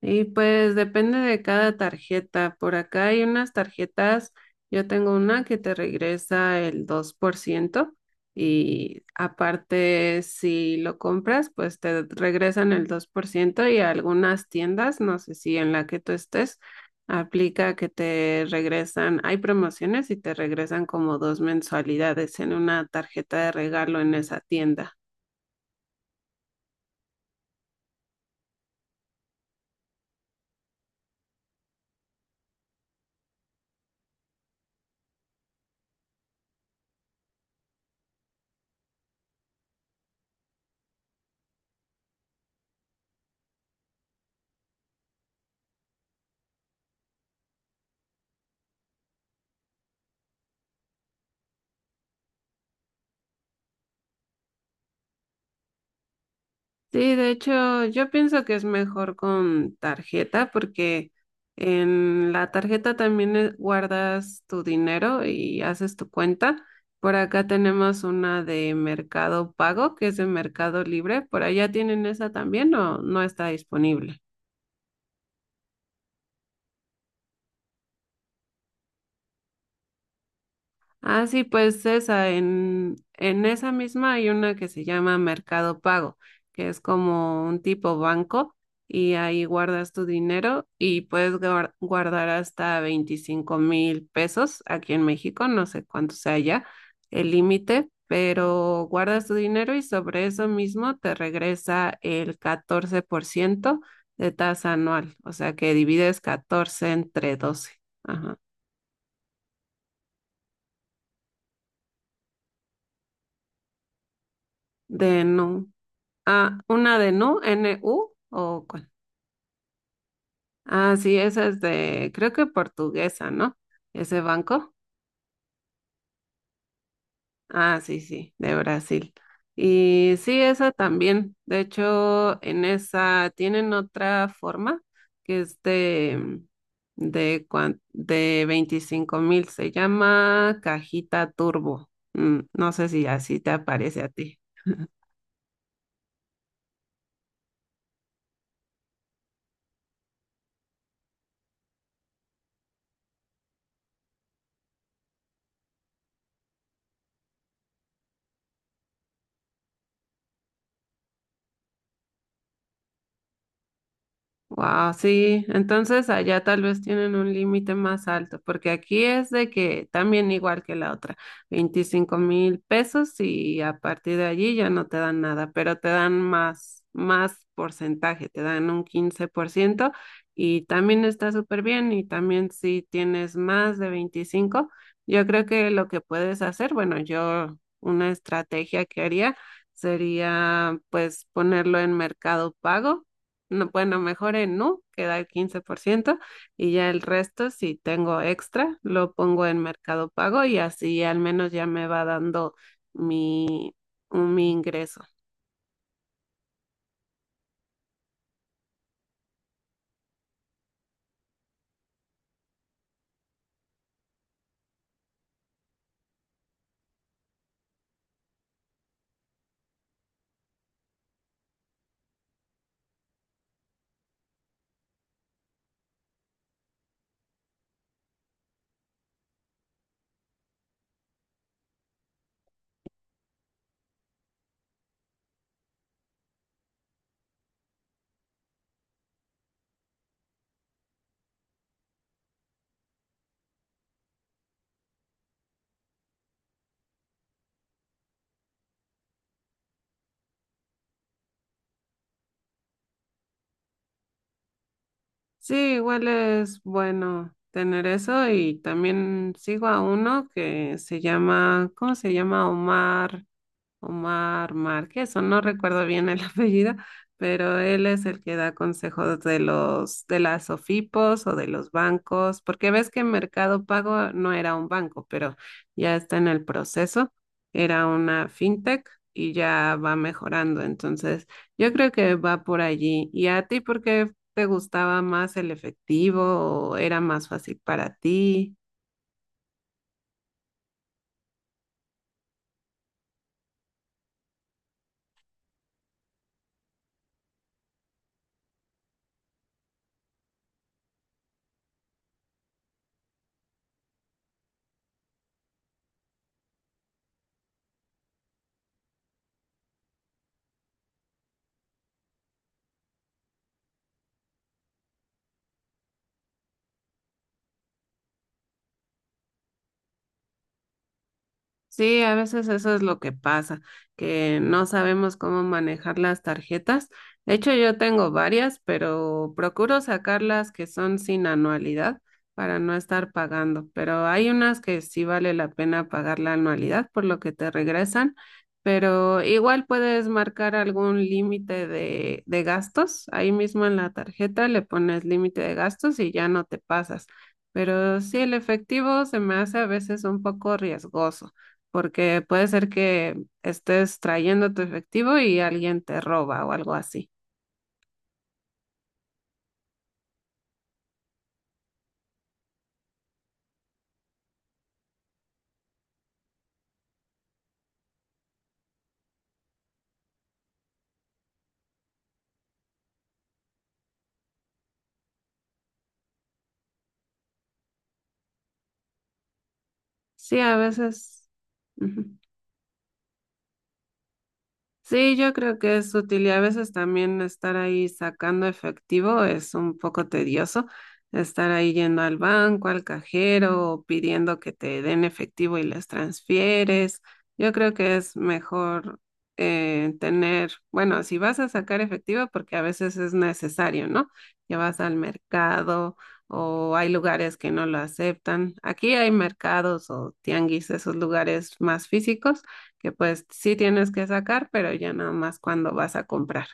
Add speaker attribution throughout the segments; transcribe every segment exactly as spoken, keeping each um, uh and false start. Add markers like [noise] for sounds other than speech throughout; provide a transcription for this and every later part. Speaker 1: Y pues depende de cada tarjeta. Por acá hay unas tarjetas, yo tengo una que te regresa el dos por ciento. Y aparte si lo compras, pues te regresan el dos por ciento. Y algunas tiendas, no sé si en la que tú estés, aplica que te regresan, hay promociones y te regresan como dos mensualidades en una tarjeta de regalo en esa tienda. Sí, de hecho, yo pienso que es mejor con tarjeta porque en la tarjeta también eh, guardas tu dinero y haces tu cuenta. Por acá tenemos una de Mercado Pago, que es de Mercado Libre. ¿Por allá tienen esa también o no está disponible? Ah, sí, pues esa, en, en esa misma hay una que se llama Mercado Pago, que es como un tipo banco y ahí guardas tu dinero y puedes guar- guardar hasta veinticinco mil pesos aquí en México, no sé cuánto sea ya el límite, pero guardas tu dinero y sobre eso mismo te regresa el catorce por ciento de tasa anual, o sea que divides catorce entre doce. Ajá. De no. Ah, una de Nu, N U, o cuál. Ah, sí, esa es de, creo que portuguesa, ¿no? Ese banco. Ah, sí, sí, de Brasil. Y sí, esa también. De hecho, en esa tienen otra forma que es de, de, cuan- de veinticinco mil. Se llama cajita turbo. Mm, no sé si así te aparece a ti. Wow, sí, entonces allá tal vez tienen un límite más alto, porque aquí es de que también igual que la otra, veinticinco mil pesos y a partir de allí ya no te dan nada, pero te dan más, más porcentaje, te dan un quince por ciento y también está súper bien y también si tienes más de veinticinco, yo creo que lo que puedes hacer, bueno, yo una estrategia que haría sería pues ponerlo en Mercado Pago no, bueno, mejor en Nu, que da el quince por ciento y ya el resto, si tengo extra, lo pongo en Mercado Pago y así al menos ya me va dando mi, mi ingreso. Sí, igual es bueno tener eso y también sigo a uno que se llama, ¿cómo se llama? Omar Omar Márquez, o no recuerdo bien el [laughs] apellido, pero él es el que da consejos de los, de las OFIPOS o de los bancos, porque ves que Mercado Pago no era un banco, pero ya está en el proceso, era una fintech y ya va mejorando. Entonces, yo creo que va por allí. ¿Y a ti por qué te gustaba más el efectivo o era más fácil para ti? Sí, a veces eso es lo que pasa, que no sabemos cómo manejar las tarjetas. De hecho, yo tengo varias, pero procuro sacar las que son sin anualidad para no estar pagando. Pero hay unas que sí vale la pena pagar la anualidad por lo que te regresan, pero igual puedes marcar algún límite de, de gastos. Ahí mismo en la tarjeta le pones límite de gastos y ya no te pasas. Pero sí, el efectivo se me hace a veces un poco riesgoso porque puede ser que estés trayendo tu efectivo y alguien te roba o algo así. Sí, a veces. Ujú. Sí, yo creo que es útil y a veces también estar ahí sacando efectivo es un poco tedioso, estar ahí yendo al banco, al cajero, o pidiendo que te den efectivo y les transfieres. Yo creo que es mejor eh, tener, bueno, si vas a sacar efectivo, porque a veces es necesario, ¿no? Que vas al mercado o hay lugares que no lo aceptan. Aquí hay mercados o tianguis, esos lugares más físicos que pues sí tienes que sacar, pero ya nada más cuando vas a comprar.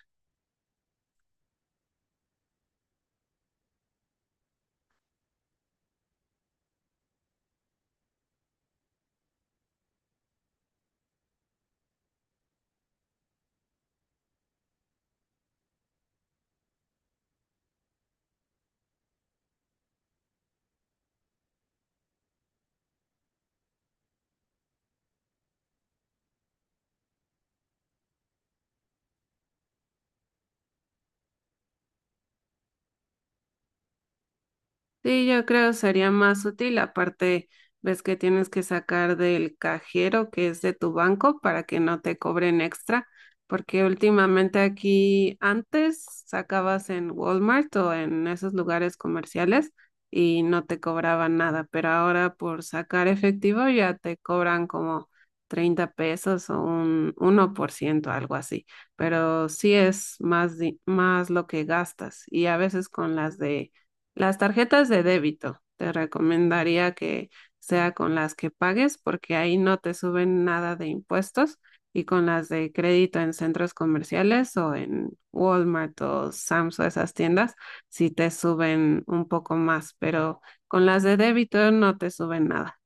Speaker 1: Sí, yo creo sería más útil. Aparte, ves que tienes que sacar del cajero que es de tu banco para que no te cobren extra, porque últimamente aquí antes sacabas en Walmart o en esos lugares comerciales y no te cobraban nada, pero ahora por sacar efectivo ya te cobran como treinta pesos o un uno por ciento, algo así. Pero sí es más, di- más lo que gastas y a veces con las de las tarjetas de débito, te recomendaría que sea con las que pagues porque ahí no te suben nada de impuestos y con las de crédito en centros comerciales o en Walmart o Sam's o esas tiendas sí te suben un poco más, pero con las de débito no te suben nada.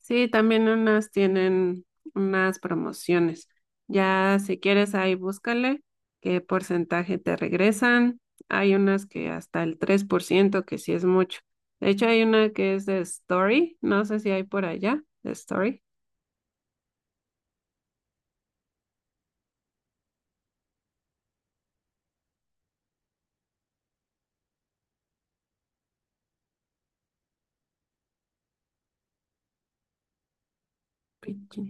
Speaker 1: Sí, también unas tienen unas promociones. Ya si quieres ahí búscale qué porcentaje te regresan. Hay unas que hasta el tres por ciento que sí es mucho. De hecho, hay una que es de Story. No sé si hay por allá, de Story. Pichi.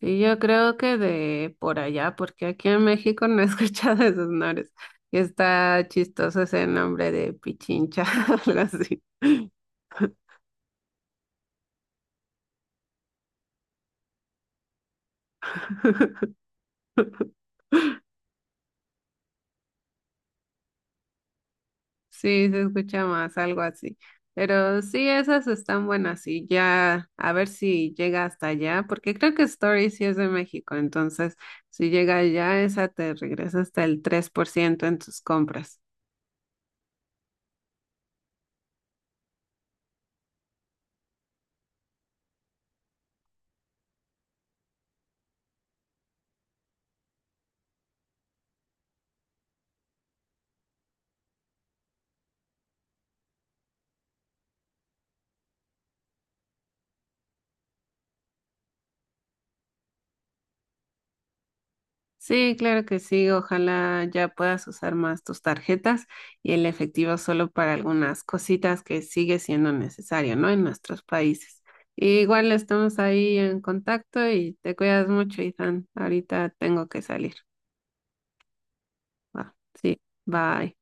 Speaker 1: Sí, yo creo que de por allá, porque aquí en México no he [laughs] escuchado esos nombres. Y está chistoso ese nombre de Pichincha, [laughs] algo así. Sí, se escucha más, algo así. Pero sí, esas están buenas y ya, a ver si llega hasta allá, porque creo que Story sí es de México, entonces si llega allá, esa te regresa hasta el tres por ciento en tus compras. Sí, claro que sí, ojalá ya puedas usar más tus tarjetas y el efectivo solo para algunas cositas que sigue siendo necesario, ¿no? En nuestros países. Igual estamos ahí en contacto y te cuidas mucho, Ethan. Ahorita tengo que salir. Va, sí, bye.